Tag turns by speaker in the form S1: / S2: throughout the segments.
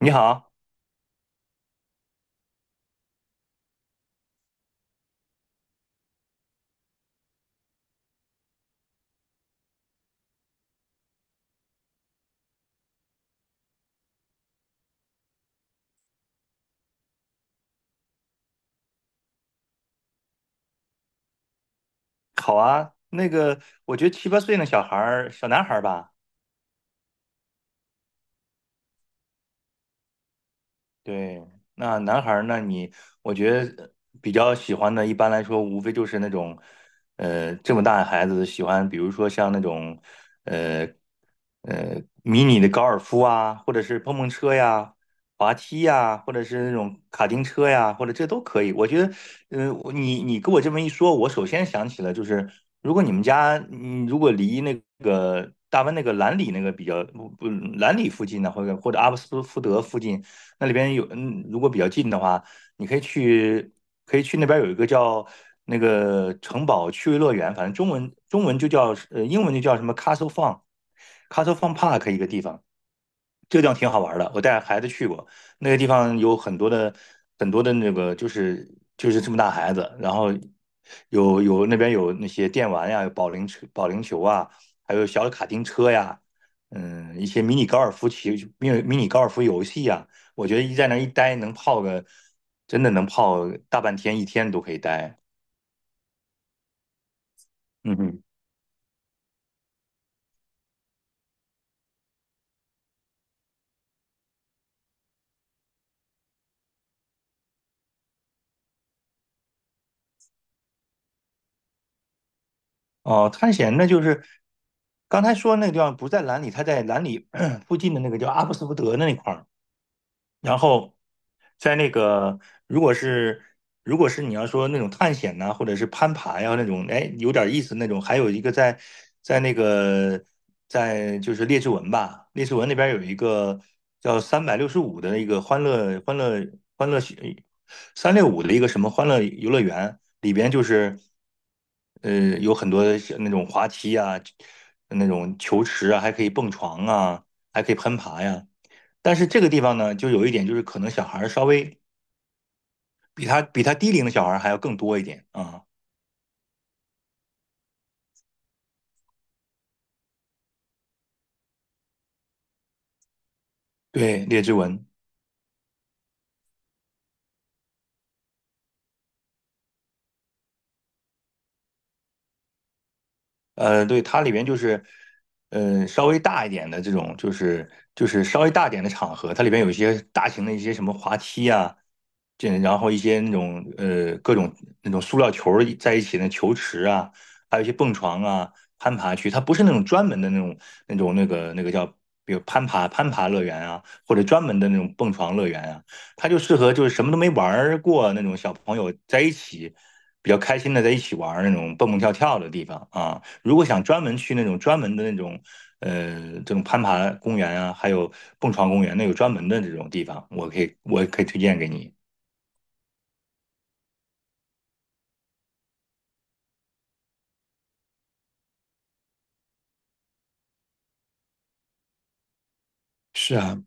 S1: 你好。好啊。我觉得七八岁那小孩儿，小男孩儿吧。对，那男孩儿呢？我觉得比较喜欢的，一般来说无非就是那种，这么大的孩子喜欢，比如说像那种，呃，迷你的高尔夫啊，或者是碰碰车呀、滑梯呀，或者是那种卡丁车呀，或者这都可以。我觉得，我跟我这么一说，我首先想起了就是，如果你们家，嗯，如果离那个大温那个兰里那个比较不不兰里附近呢，或者阿布斯福德附近。那里边有，嗯，如果比较近的话，你可以去，可以去那边有一个叫那个城堡趣味乐园，反正中文就叫，英文就叫什么 Castle Fun，Castle Fun Park 一个地方。这个地方挺好玩的，我带孩子去过。那个地方有很多的那个就是这么大孩子，然后有那边有那些电玩呀，有保龄车、保龄球啊，还有小的卡丁车呀。嗯，一些迷你高尔夫球、迷你高尔夫游戏呀，我觉得一在那儿一待能泡个真的能泡大半天一天都可以待。嗯哼。哦，探险那就是刚才说那个地方不在兰里，它在兰里 附近的那个叫阿布斯福德那一块儿。然后在那个，如果是如果是你要说那种探险呐、或者是攀爬呀、那种，哎，有点意思那种。还有一个在在那个在就是列治文吧，列治文那边有一个叫365的一个欢乐365的一个什么欢乐游乐园，里边就是有很多像那种滑梯啊，那种球池啊，还可以蹦床啊，还可以攀爬呀。但是这个地方呢，就有一点就是可能小孩稍微比他低龄的小孩还要更多一点啊。对，列支文。对，它里边就是，稍微大一点的这种，就是就是稍微大一点的场合，它里边有一些大型的一些什么滑梯啊，这然后一些那种各种那种塑料球儿在一起的球池啊，还有一些蹦床啊、攀爬区。它不是那种专门的那种那种那个叫，比如攀爬乐园啊，或者专门的那种蹦床乐园啊。它就适合就是什么都没玩儿过那种小朋友在一起比较开心的在一起玩儿那种蹦蹦跳跳的地方啊。如果想专门去那种专门的那种，这种攀爬公园啊，还有蹦床公园，那有专门的这种地方，我可以推荐给你。是啊。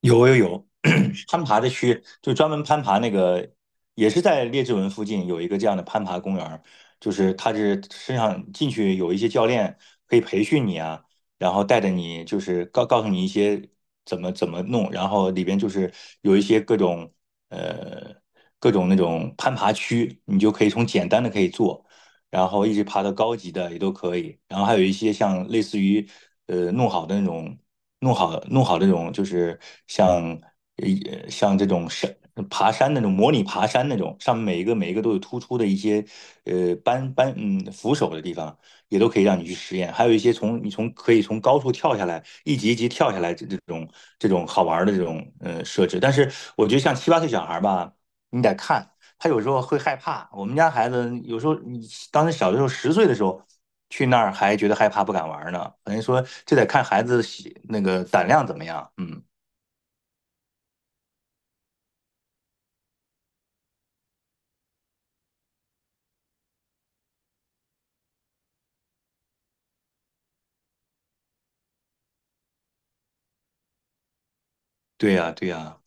S1: 有有有，攀爬的区就专门攀爬那个，也是在列治文附近有一个这样的攀爬公园儿。就是它是身上进去有一些教练可以培训你啊，然后带着你就是告诉你一些怎么怎么弄。然后里边就是有一些各种呃各种那种攀爬区，你就可以从简单的可以做，然后一直爬到高级的也都可以。然后还有一些像类似于弄好的那种。弄好这种就是像像这种山爬山那种模拟爬山那种，上面每一个都有突出的一些呃扳扳嗯扶手的地方，也都可以让你去实验。还有一些从你从可以从高处跳下来，一级一级跳下来这种这种好玩的这种设置。但是我觉得像七八岁小孩吧，你得看。他有时候会害怕。我们家孩子有时候，你当时小的时候，10岁的时候去那儿还觉得害怕，不敢玩呢。等于说这得看孩子喜那个胆量怎么样。嗯。对呀，对呀。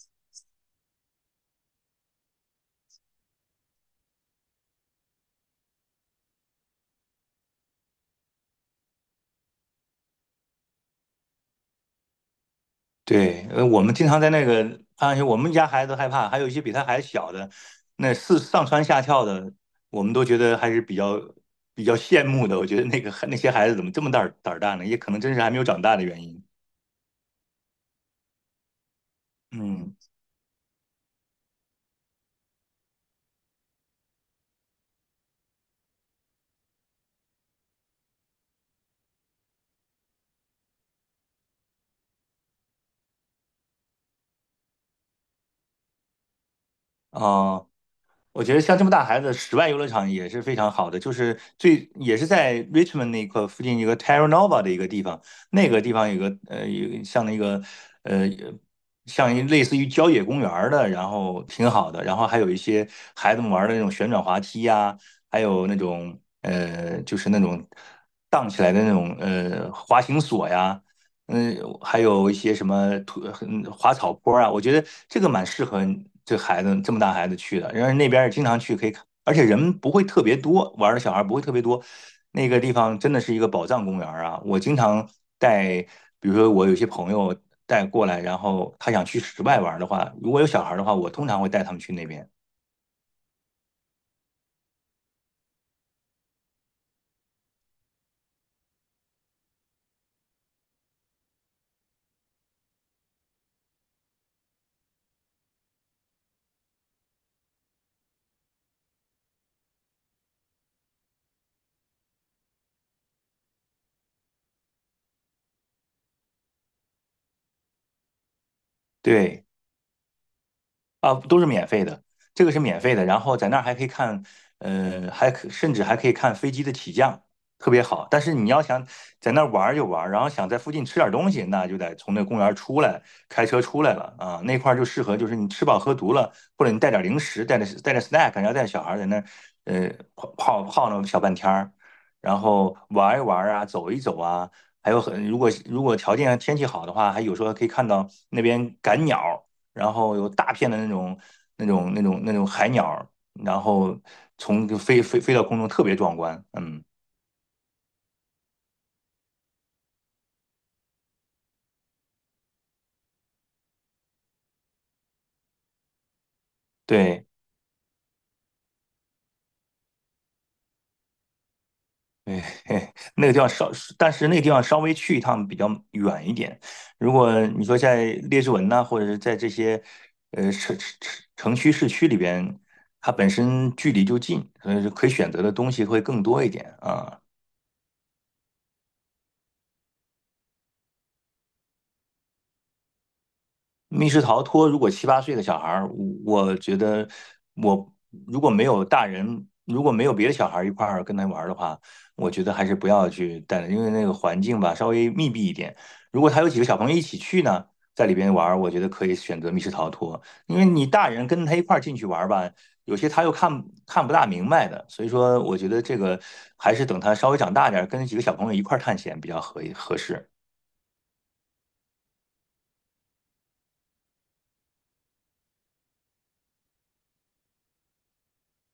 S1: 对。我们经常在那个攀岩区，我们家孩子害怕，还有一些比他还小的，那是上蹿下跳的，我们都觉得还是比较羡慕的。我觉得那个那些孩子怎么这么胆大呢？也可能真是还没有长大的原因。嗯。哦。我觉得像这么大孩子，室外游乐场也是非常好的，就是最也是在 Richmond 那块附近一个 Terra Nova 的一个地方。那个地方有个有个像那个呃像一类似于郊野公园儿的，然后挺好的。然后还有一些孩子们玩的那种旋转滑梯呀、还有那种就是那种荡起来的那种滑行索呀，嗯，还有一些什么土滑草坡啊。我觉得这个蛮适合这孩子这么大孩子去的。然后那边儿也经常去，可以看，而且人不会特别多，玩儿的小孩儿不会特别多。那个地方真的是一个宝藏公园儿啊！我经常带，比如说我有些朋友带过来，然后他想去室外玩儿的话，如果有小孩儿的话，我通常会带他们去那边。对。啊，都是免费的，这个是免费的。然后在那儿还可以看，甚至还可以看飞机的起降，特别好。但是你要想在那儿玩儿就玩儿，然后想在附近吃点儿东西，那就得从那公园儿出来，开车出来了啊。那块儿就适合，就是你吃饱喝足了，或者你带点儿零食，带着 snack，然后带着小孩儿在那儿，呃，泡那么小半天儿，然后玩一玩儿啊，走一走啊。还有很，如果如果条件天气好的话，还有时候可以看到那边赶鸟，然后有大片的那种海鸟，然后从飞到空中，特别壮观。嗯。对。对，嘿那个地方稍，但是那个地方稍微去一趟比较远一点。如果你说在列治文呐、或者是在这些呃城城城区市区里边，它本身距离就近，所以就可以选择的东西会更多一点啊。密室逃脱，如果七八岁的小孩儿，我觉得我如果没有大人，如果没有别的小孩儿一块儿跟他玩儿的话，我觉得还是不要去带了，因为那个环境吧稍微密闭一点。如果他有几个小朋友一起去呢，在里边玩儿，我觉得可以选择密室逃脱。因为你大人跟他一块儿进去玩儿吧，有些他又看不大明白的，所以说我觉得这个还是等他稍微长大点儿，跟几个小朋友一块儿探险比较合适。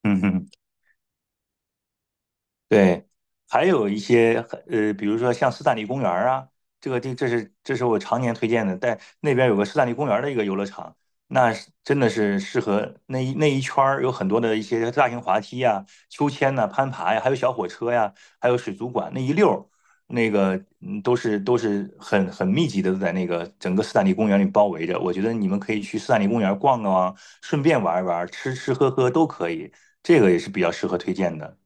S1: 嗯哼。对，还有一些比如说像斯坦利公园儿啊，这个地这是我常年推荐的。但那边有个斯坦利公园儿的一个游乐场，那是真的是适合那一圈儿有很多的一些大型滑梯呀、秋千呐、攀爬呀，还有小火车呀，还有水族馆那一溜儿。那个嗯都是很很密集的在那个整个斯坦利公园里包围着。我觉得你们可以去斯坦利公园逛逛啊，顺便玩一玩，吃吃喝喝都可以，这个也是比较适合推荐的。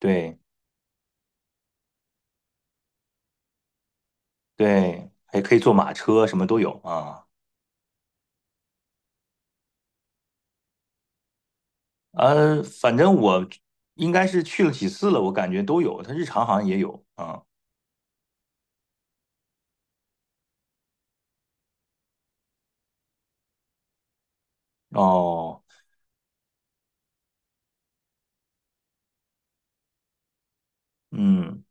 S1: 对。对，还可以坐马车，什么都有啊。反正我应该是去了几次了，我感觉都有，它日常好像也有啊。哦。嗯。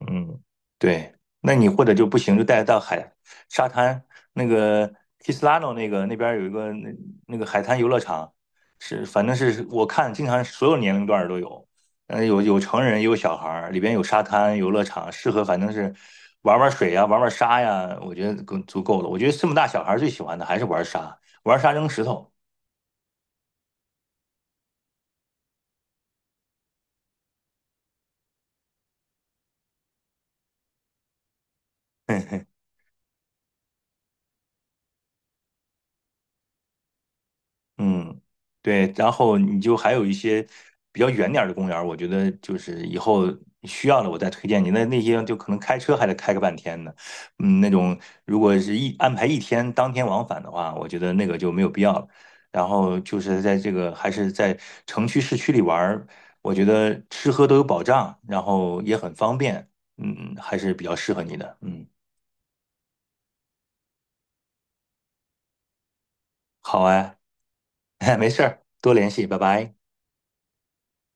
S1: 嗯。对，那你或者就不行，就带到海沙滩那个 Kislano 那个那边儿有一个那那个海滩游乐场。是反正是我看经常所有年龄段儿都有，嗯，有有成人也有小孩儿，里边有沙滩游乐场，适合反正是玩玩水呀、玩玩沙呀，我觉得够足够了。我觉得这么大小孩儿最喜欢的还是玩沙，玩沙扔石头。嗯。对，然后你就还有一些比较远点儿的公园儿我觉得就是以后需要了我再推荐你。那那些就可能开车还得开个半天呢。嗯，那种如果是一安排一天当天往返的话，我觉得那个就没有必要了。然后就是在这个还是在城区市区里玩儿，我觉得吃喝都有保障，然后也很方便。嗯，还是比较适合你的。嗯。好哎。没事儿，多联系，拜拜。